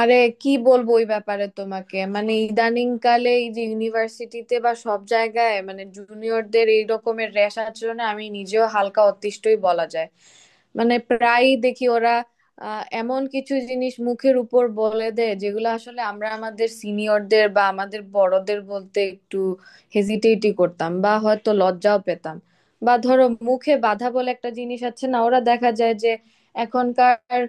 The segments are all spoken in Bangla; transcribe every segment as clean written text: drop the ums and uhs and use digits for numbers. আরে, কি বলবো ওই ব্যাপারে তোমাকে। মানে ইদানিং কালে এই যে ইউনিভার্সিটিতে বা সব জায়গায় মানে জুনিয়রদের এই রকমের র্যাশ আচরণে আমি নিজেও হালকা অতিষ্ঠই বলা যায়। মানে প্রায়ই দেখি ওরা এমন কিছু জিনিস মুখের উপর বলে দেয় যেগুলো আসলে আমরা আমাদের সিনিয়রদের বা আমাদের বড়দের বলতে একটু হেজিটেটই করতাম বা হয়তো লজ্জাও পেতাম। বা ধরো মুখে বাধা বলে একটা জিনিস আছে না, ওরা দেখা যায় যে এখনকার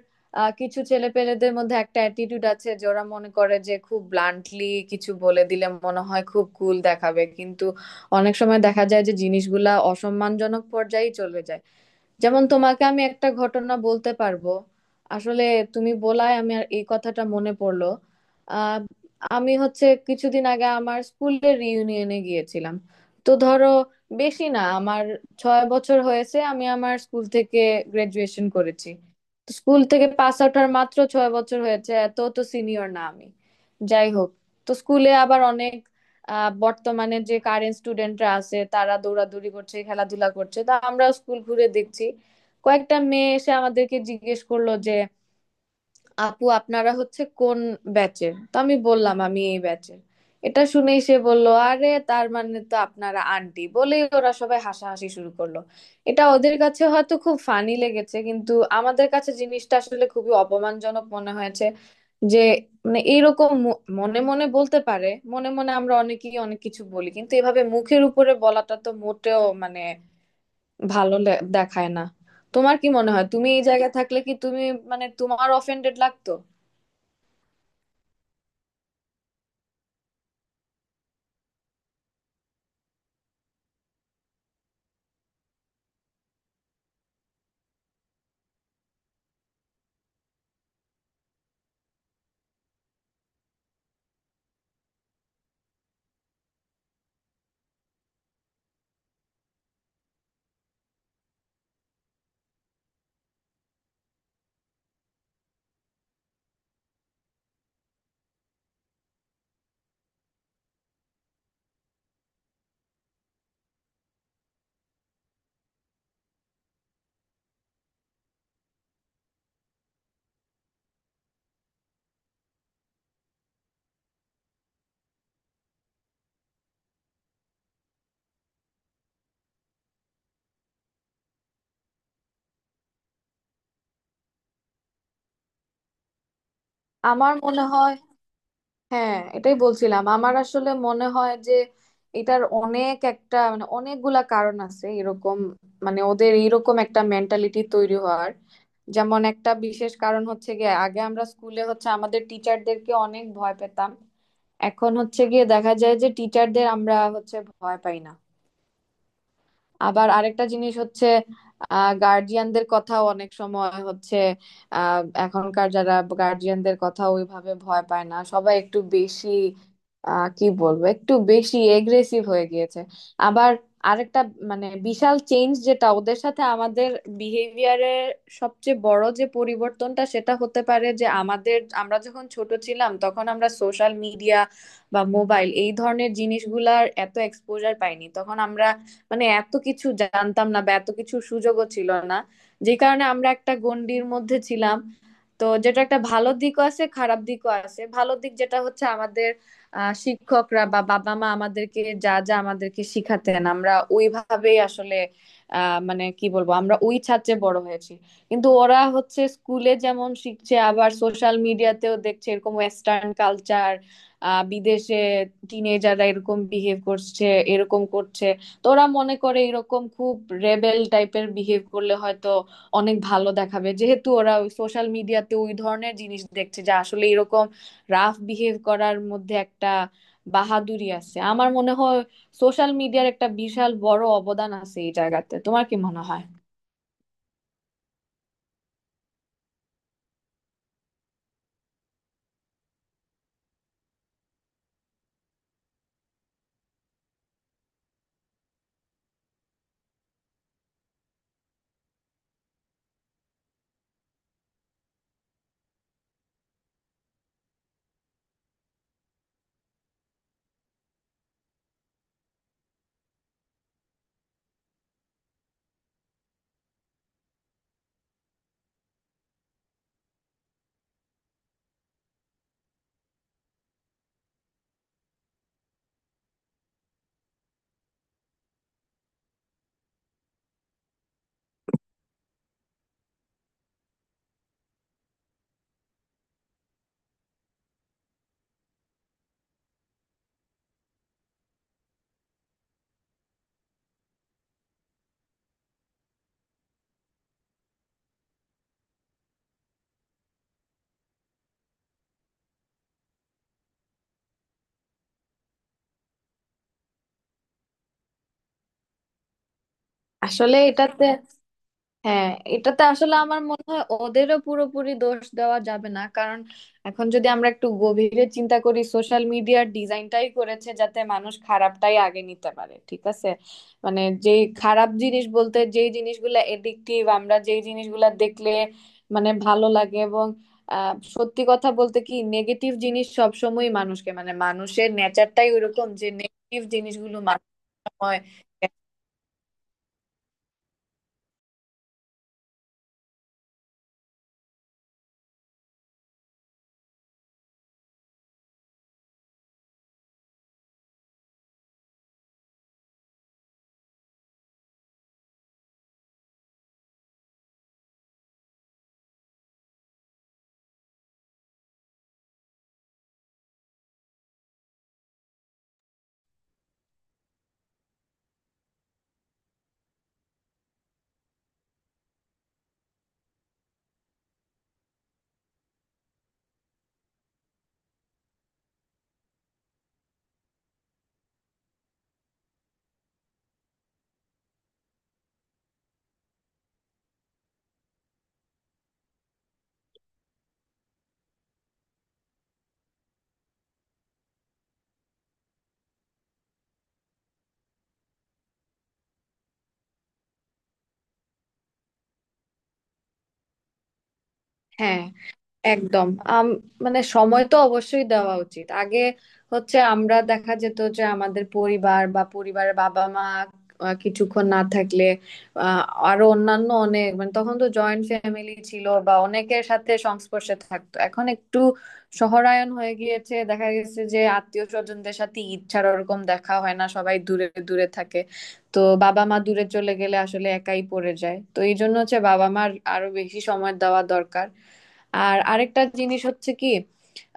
কিছু ছেলেপেলেদের মধ্যে একটা অ্যাটিটিউড আছে যে ওরা মনে করে যে খুব ব্লান্টলি কিছু বলে দিলে মনে হয় খুব কুল দেখাবে, কিন্তু অনেক সময় দেখা যায় যে জিনিসগুলা অসম্মানজনক পর্যায়ে চলে যায়। যেমন তোমাকে আমি একটা ঘটনা বলতে পারবো আসলে, তুমি বলায় আমি আর এই কথাটা মনে পড়লো। আহ আমি হচ্ছে কিছুদিন আগে আমার স্কুলের রিইউনিয়নে গিয়েছিলাম। তো ধরো, বেশি না, আমার 6 বছর হয়েছে আমি আমার স্কুল থেকে গ্রাজুয়েশন করেছি। তো স্কুল থেকে পাস আউট হওয়ার মাত্র 6 বছর হয়েছে, এত তো সিনিয়র না আমি। যাই হোক, তো স্কুলে আবার অনেক বর্তমানে যে কারেন্ট স্টুডেন্টরা আছে তারা দৌড়াদৌড়ি করছে, খেলাধুলা করছে, তা আমরা স্কুল ঘুরে দেখছি। কয়েকটা মেয়ে এসে আমাদেরকে জিজ্ঞেস করলো যে আপু আপনারা হচ্ছে কোন ব্যাচের? তো আমি বললাম আমি এই ব্যাচের। এটা শুনেই সে বলল, আরে তার মানে তো আপনারা আন্টি, বলেই ওরা সবাই হাসাহাসি শুরু করলো। এটা ওদের কাছে হয়তো খুব ফানি লেগেছে, কিন্তু আমাদের কাছে জিনিসটা আসলে খুবই অপমানজনক মনে হয়েছে। যে মানে এইরকম মনে মনে বলতে পারে, মনে মনে আমরা অনেকেই অনেক কিছু বলি, কিন্তু এভাবে মুখের উপরে বলাটা তো মোটেও মানে ভালো দেখায় না। তোমার কি মনে হয় তুমি এই জায়গায় থাকলে কি তুমি মানে তোমার অফেন্ডেড লাগতো? আমার মনে হয়, হ্যাঁ এটাই বলছিলাম। আমার আসলে মনে হয় যে এটার অনেক একটা মানে অনেকগুলা কারণ আছে এরকম মানে ওদের এইরকম একটা মেন্টালিটি তৈরি হওয়ার। যেমন একটা বিশেষ কারণ হচ্ছে গিয়ে আগে আমরা স্কুলে হচ্ছে আমাদের টিচারদেরকে অনেক ভয় পেতাম, এখন হচ্ছে গিয়ে দেখা যায় যে টিচারদের আমরা হচ্ছে ভয় পাই না। আবার আরেকটা জিনিস হচ্ছে গার্জিয়ানদের কথাও অনেক সময় হচ্ছে এখনকার যারা গার্জিয়ানদের কথা ওইভাবে ভয় পায় না, সবাই একটু বেশি কি বলবো একটু বেশি এগ্রেসিভ হয়ে গিয়েছে। আবার আরেকটা মানে বিশাল চেঞ্জ যেটা ওদের সাথে আমাদের বিহেভিয়ারের সবচেয়ে বড় যে পরিবর্তনটা, সেটা হতে পারে যে আমাদের আমরা যখন ছোট ছিলাম তখন আমরা সোশ্যাল মিডিয়া বা মোবাইল এই ধরনের জিনিসগুলার এত এক্সপোজার পাইনি। তখন আমরা মানে এত কিছু জানতাম না বা এত কিছু সুযোগও ছিল না, যে কারণে আমরা একটা গণ্ডির মধ্যে ছিলাম। তো যেটা একটা ভালো দিকও আছে, খারাপ দিকও আছে। ভালো দিক যেটা হচ্ছে আমাদের শিক্ষকরা বা বাবা মা আমাদেরকে যা যা আমাদেরকে শিখাতেন আমরা ওইভাবেই আসলে মানে কি বলবো আমরা ওই ছাঁচে বড় হয়েছি। কিন্তু ওরা হচ্ছে স্কুলে যেমন শিখছে আবার সোশ্যাল মিডিয়াতেও দেখছে এরকম ওয়েস্টার্ন কালচার, বিদেশে টিনেজাররা এরকম বিহেভ করছে, এরকম করছে। তো ওরা মনে করে এরকম খুব রেবেল টাইপের বিহেভ করলে হয়তো অনেক ভালো দেখাবে, যেহেতু ওরা ওই সোশ্যাল মিডিয়াতে ওই ধরনের জিনিস দেখছে যে আসলে এরকম রাফ বিহেভ করার মধ্যে একটা বাহাদুরি আছে আমার মনে হয়। সোশ্যাল মিডিয়ার একটা বিশাল বড় অবদান আছে এই জায়গাতে, তোমার কি মনে হয়? আসলে এটাতে, হ্যাঁ, এটাতে আসলে আমার মনে হয় ওদেরও পুরোপুরি দোষ দেওয়া যাবে না, কারণ এখন যদি আমরা একটু গভীরে চিন্তা করি সোশ্যাল মিডিয়ার ডিজাইনটাই করেছে যাতে মানুষ খারাপটাই আগে নিতে পারে, ঠিক আছে? মানে যে খারাপ জিনিস বলতে যেই জিনিসগুলো এডিকটিভ, আমরা যেই জিনিসগুলো দেখলে মানে ভালো লাগে, এবং সত্যি কথা বলতে কি নেগেটিভ জিনিস সবসময় মানুষকে মানে মানুষের নেচারটাই ওইরকম যে নেগেটিভ জিনিসগুলো মানুষ হয়। হ্যাঁ একদম, মানে সময় তো অবশ্যই দেওয়া উচিত। আগে হচ্ছে আমরা দেখা যেত যে আমাদের পরিবার বা পরিবারের বাবা মা কিছুক্ষণ না থাকলে আহ, আরো অন্যান্য অনেক মানে তখন তো জয়েন্ট ফ্যামিলি ছিল বা অনেকের সাথে সংস্পর্শে থাকতো, এখন একটু শহরায়ন হয়ে গিয়েছে, দেখা গেছে যে আত্মীয় স্বজনদের সাথে ঈদ ছাড়া ওরকম দেখা হয় না, সবাই দূরে দূরে থাকে। তো বাবা মা দূরে চলে গেলে আসলে একাই পড়ে যায়, তো এই জন্য হচ্ছে বাবা মার আরো বেশি সময় দেওয়া দরকার। আর আরেকটা জিনিস হচ্ছে কি,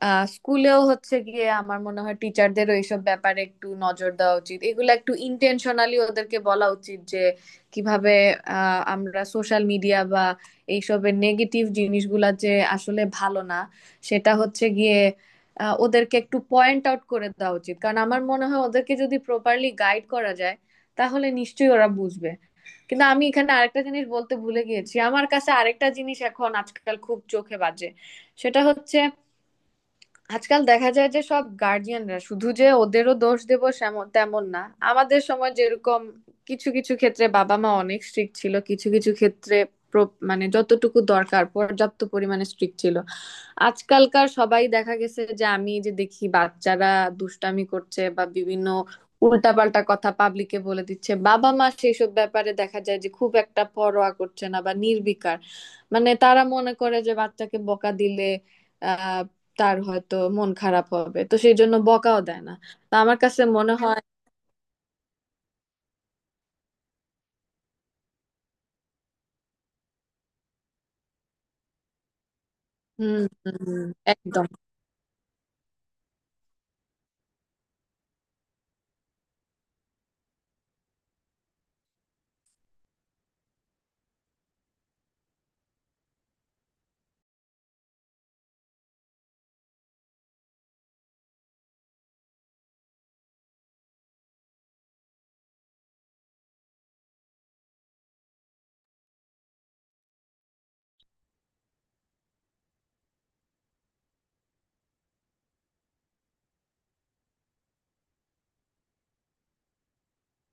স্কুলেও হচ্ছে গিয়ে আমার মনে হয় টিচারদেরও এইসব ব্যাপারে একটু নজর দেওয়া উচিত, এগুলো একটু ইন্টেনশনালি ওদেরকে বলা উচিত যে কিভাবে আমরা সোশ্যাল মিডিয়া বা এইসবের নেগেটিভ জিনিসগুলা যে আসলে ভালো না সেটা হচ্ছে গিয়ে ওদেরকে একটু পয়েন্ট আউট করে দেওয়া উচিত। কারণ আমার মনে হয় ওদেরকে যদি প্রপারলি গাইড করা যায় তাহলে নিশ্চয়ই ওরা বুঝবে। কিন্তু আমি এখানে আরেকটা জিনিস বলতে ভুলে গিয়েছি, আমার কাছে আরেকটা জিনিস এখন আজকাল খুব চোখে বাজে। সেটা হচ্ছে, আজকাল দেখা যায় যে সব গার্ডিয়ানরা শুধু যে ওদেরও দোষ দেব তেমন না। আমাদের সময় যেরকম কিছু কিছু ক্ষেত্রে বাবা মা অনেক স্ট্রিক্ট ছিল, কিছু কিছু ক্ষেত্রে মানে যতটুকু দরকার পর্যাপ্ত পরিমাণে স্ট্রিক্ট ছিল। আজকালকার সবাই দেখা গেছে যে আমি যে দেখি বাচ্চারা দুষ্টামি করছে বা বিভিন্ন উল্টাপাল্টা কথা পাবলিকে বলে দিচ্ছে, বাবা মা সেইসব ব্যাপারে দেখা যায় যে খুব একটা পরোয়া করছে না বা নির্বিকার। মানে তারা মনে করে যে বাচ্চাকে বকা দিলে তার হয়তো মন খারাপ হবে, তো সেই জন্য বকাও দেয় না। তো আমার কাছে মনে হয়, হুম, হুম, হুম, একদম।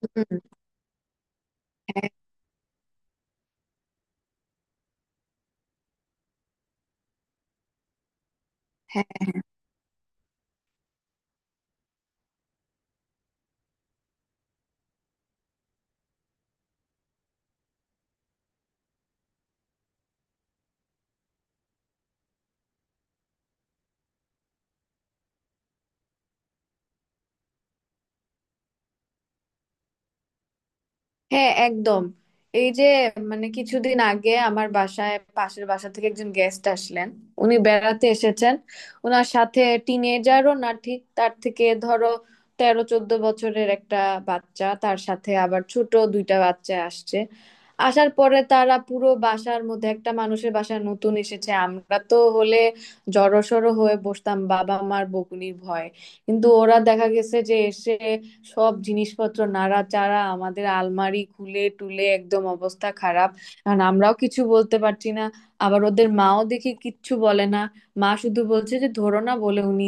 হুম, হ্যাঁ। হ্যাঁ। হ্যাঁ একদম। এই যে মানে কিছুদিন আগে আমার বাসায় পাশের বাসা থেকে একজন গেস্ট আসলেন, উনি বেড়াতে এসেছেন। ওনার সাথে টিনেজারও না ঠিক, তার থেকে ধরো 13-14 বছরের একটা বাচ্চা, তার সাথে আবার ছোট দুইটা বাচ্চা আসছে। আসার পরে তারা পুরো বাসার মধ্যে, একটা মানুষের বাসায় নতুন এসেছে, আমরা তো হলে জড়সড় হয়ে বসতাম বাবা মার বকুনির ভয়। কিন্তু ওরা দেখা গেছে যে এসে সব জিনিসপত্র নাড়াচাড়া, আমাদের আলমারি খুলে টুলে একদম অবস্থা খারাপ। আর আমরাও কিছু বলতে পারছি না, আবার ওদের মাও দেখি কিচ্ছু বলে না। মা শুধু বলছে যে ধরো না বলে উনি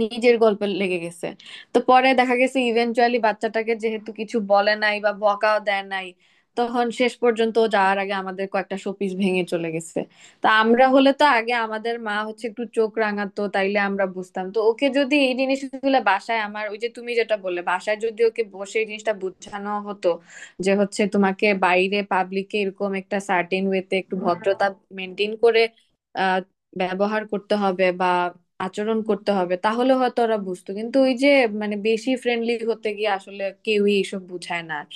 নিজের গল্পে লেগে গেছে। তো পরে দেখা গেছে ইভেনচুয়ালি বাচ্চাটাকে যেহেতু কিছু বলে নাই বা বকাও দেয় নাই, তখন শেষ পর্যন্ত ও যাওয়ার আগে আমাদের কয়েকটা শোপিস ভেঙে চলে গেছে। তা আমরা হলে তো আগে আমাদের মা হচ্ছে একটু চোখ রাঙাতো, তাইলে আমরা বুঝতাম। তো ওকে যদি এই জিনিসগুলো বাসায়, আমার ওই যে তুমি যেটা বললে, বাসায় যদি ওকে বসে এই জিনিসটা বোঝানো হতো যে হচ্ছে তোমাকে বাইরে পাবলিকে এরকম একটা সার্টেন ওয়েতে একটু ভদ্রতা মেনটেন করে আহ ব্যবহার করতে হবে বা আচরণ করতে হবে, তাহলে হয়তো ওরা বুঝতো। কিন্তু ওই যে মানে বেশি ফ্রেন্ডলি হতে গিয়ে আসলে কেউই এসব বুঝায় না আর।